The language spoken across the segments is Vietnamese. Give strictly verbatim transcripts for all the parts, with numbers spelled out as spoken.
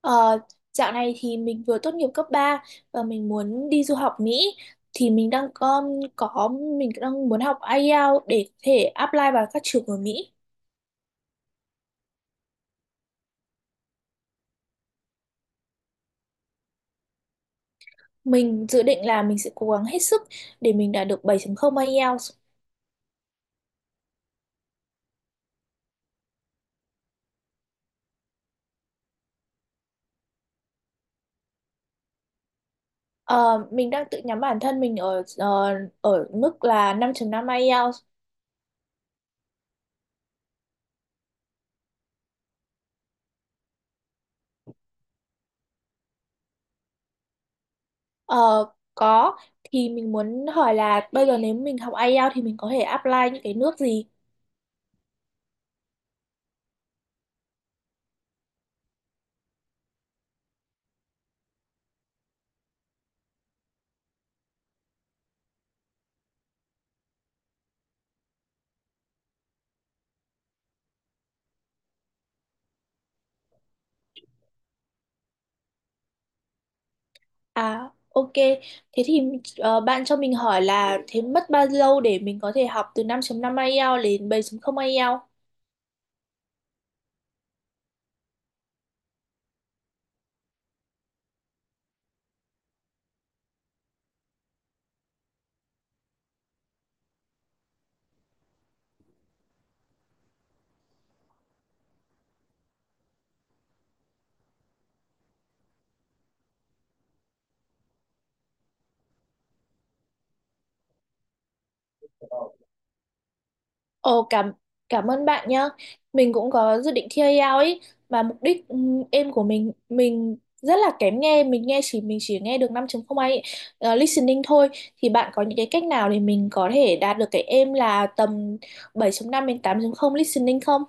Ờ, Dạo này thì mình vừa tốt nghiệp cấp ba và mình muốn đi du học Mỹ, thì mình đang có, có mình đang muốn học IELTS để có thể apply vào các trường ở Mỹ. Mình dự định là mình sẽ cố gắng hết sức để mình đạt được bảy chấm không IELTS. Ờ, mình đang tự nhắm bản thân mình ở ờ, ở mức là năm chấm năm IELTS. Ờ, có, thì mình muốn hỏi là bây giờ nếu mình học IELTS thì mình có thể apply những cái nước gì? À, ok. Thế thì ờ, bạn cho mình hỏi là thế mất bao lâu để mình có thể học từ năm chấm năm IELTS đến bảy chấm không IELTS? Ồ, cảm cảm ơn bạn nhá. Mình cũng có dự định thi IELTS ấy, mà mục đích ừm, em của mình mình rất là kém nghe, mình nghe chỉ mình chỉ nghe được năm chấm không IELTS ờ, listening thôi, thì bạn có những cái cách nào để mình có thể đạt được cái aim là tầm bảy chấm năm đến tám chấm không listening không?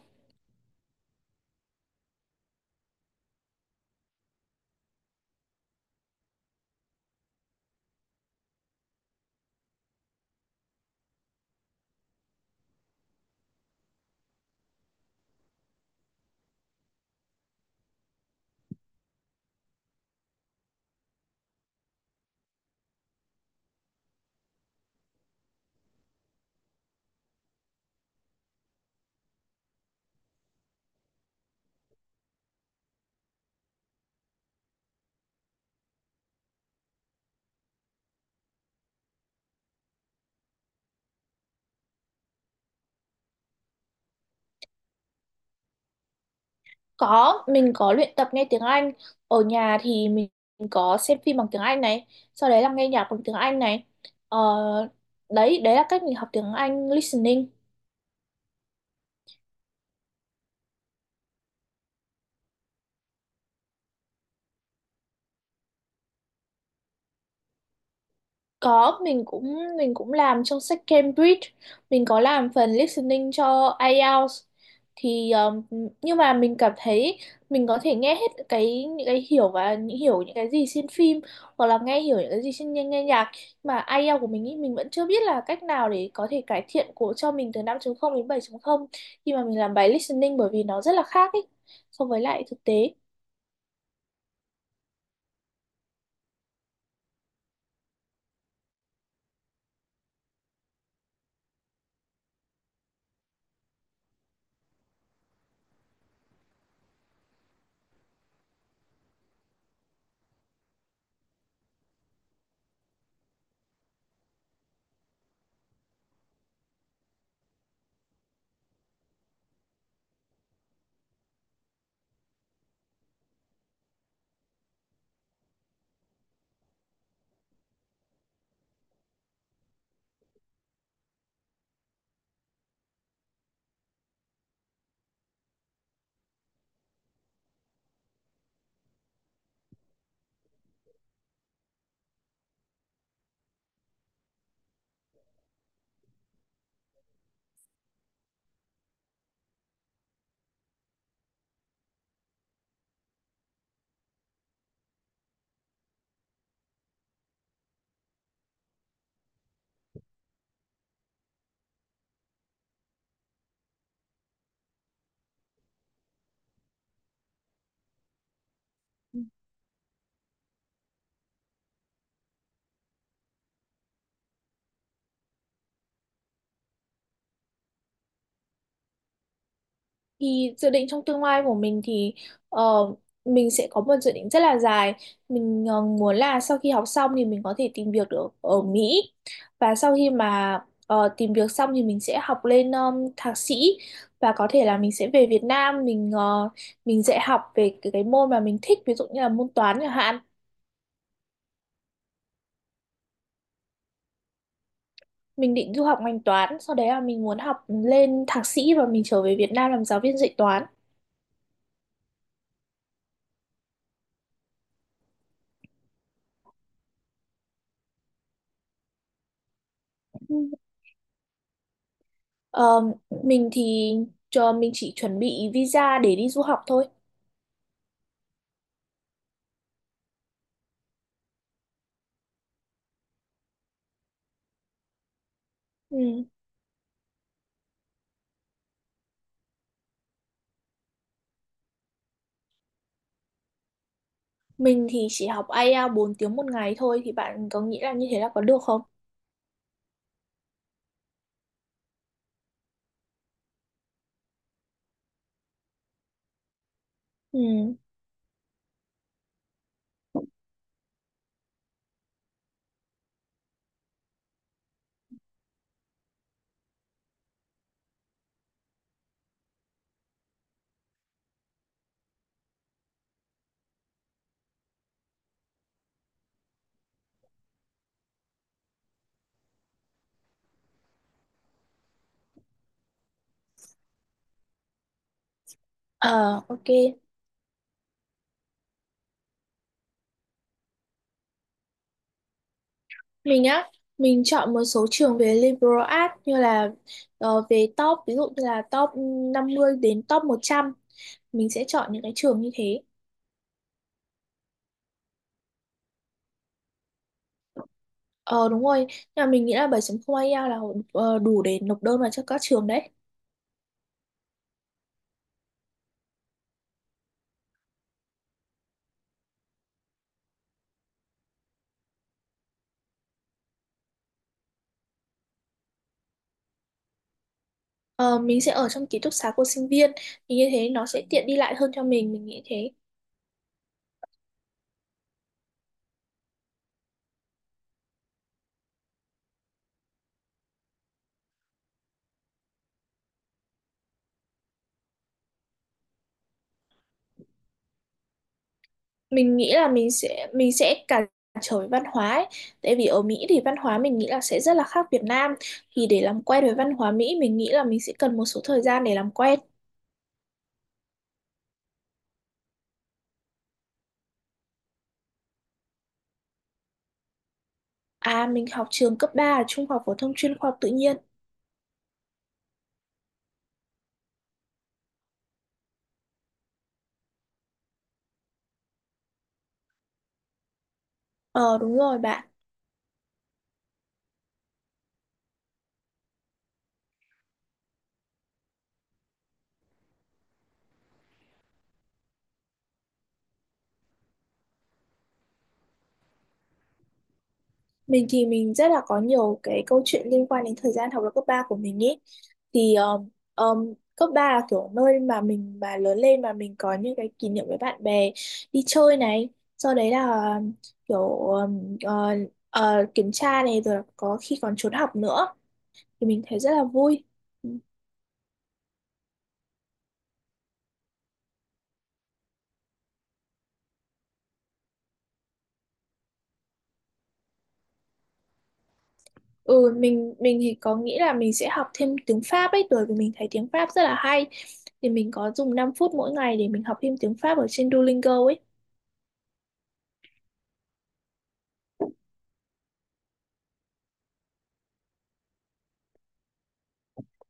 Có, mình có luyện tập nghe tiếng Anh. Ở nhà thì mình có xem phim bằng tiếng Anh này, sau đấy là nghe nhạc bằng tiếng Anh này. Ờ, Đấy, đấy là cách mình học tiếng Anh listening. Có, mình cũng mình cũng làm trong sách Cambridge, mình có làm phần listening cho IELTS, thì um, nhưng mà mình cảm thấy mình có thể nghe hết cái những cái hiểu và những hiểu những cái gì trên phim hoặc là nghe hiểu những cái gì trên nghe, nghe nhạc, mà IELTS của mình ý, mình vẫn chưa biết là cách nào để có thể cải thiện của cho mình từ năm chấm không đến bảy chấm không khi mà mình làm bài listening, bởi vì nó rất là khác ý so với lại thực tế. Thì dự định trong tương lai của mình thì ờ, mình sẽ có một dự định rất là dài. Mình ờ, muốn là sau khi học xong thì mình có thể tìm việc được ở Mỹ. Và sau khi mà ờ, tìm việc xong thì mình sẽ học lên um, thạc sĩ, và có thể là mình sẽ về Việt Nam, mình ờ, mình dạy học về cái, cái môn mà mình thích, ví dụ như là môn toán chẳng hạn. Mình định du học ngành toán, sau đấy là mình muốn học lên thạc sĩ và mình trở về Việt Nam làm giáo viên dạy toán. Ờ, mình thì cho mình chỉ chuẩn bị visa để đi du học thôi. Ừ. Mình thì chỉ học IELTS bốn tiếng một ngày thôi, thì bạn có nghĩ là như thế là có được không? Ừ. Ờ, ok. Mình á, mình chọn một số trường về liberal arts, như là ờ, về top, ví dụ như là top năm mươi đến top một trăm. Mình sẽ chọn những cái trường như thế. Ờ, đúng rồi, nhưng mà mình nghĩ là bảy chấm không IELTS là ờ, đủ để nộp đơn vào cho các trường đấy. Ờ, mình sẽ ở trong ký túc xá của sinh viên, thì như thế nó sẽ tiện đi lại hơn cho mình mình nghĩ thế. Mình nghĩ là mình sẽ mình sẽ cản trở với văn hóa ấy. Tại vì ở Mỹ thì văn hóa mình nghĩ là sẽ rất là khác Việt Nam, thì để làm quen với văn hóa Mỹ mình nghĩ là mình sẽ cần một số thời gian để làm quen. À, mình học trường cấp ba ở Trung học phổ thông chuyên Khoa học Tự nhiên. Ờ, đúng rồi bạn. Mình thì mình rất là có nhiều cái câu chuyện liên quan đến thời gian học lớp cấp ba của mình ý. Thì um, um, cấp ba là kiểu nơi mà mình mà lớn lên, mà mình có những cái kỷ niệm với bạn bè, đi chơi này, sau đấy là um, kiểu um, ờ, ờ, kiểm tra này, rồi có khi còn trốn học nữa, thì mình thấy rất là vui. Ừ, mình mình thì có nghĩ là mình sẽ học thêm tiếng Pháp ấy, bởi vì mình thấy tiếng Pháp rất là hay. Thì mình có dùng năm phút mỗi ngày để mình học thêm tiếng Pháp ở trên Duolingo ấy.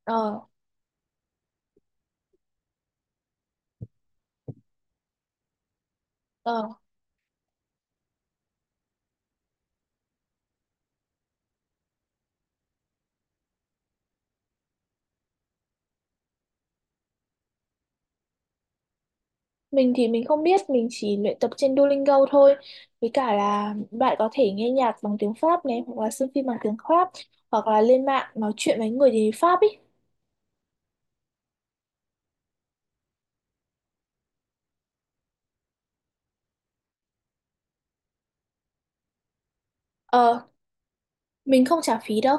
Ờ. Ờ, Mình thì mình không biết, mình chỉ luyện tập trên Duolingo thôi. Với cả là bạn có thể nghe nhạc bằng tiếng Pháp này, hoặc là xem phim bằng tiếng Pháp, hoặc là lên mạng nói chuyện với người tiếng Pháp ý. Ờ, mình không trả phí đâu.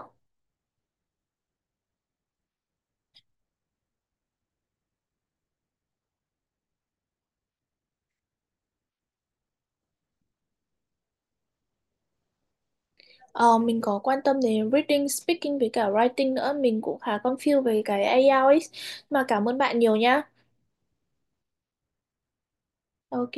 Ờ, mình có quan tâm đến reading, speaking với cả writing nữa. Mình cũng khá confused về cái IELTS ấy. Mà cảm ơn bạn nhiều nhá. Ok.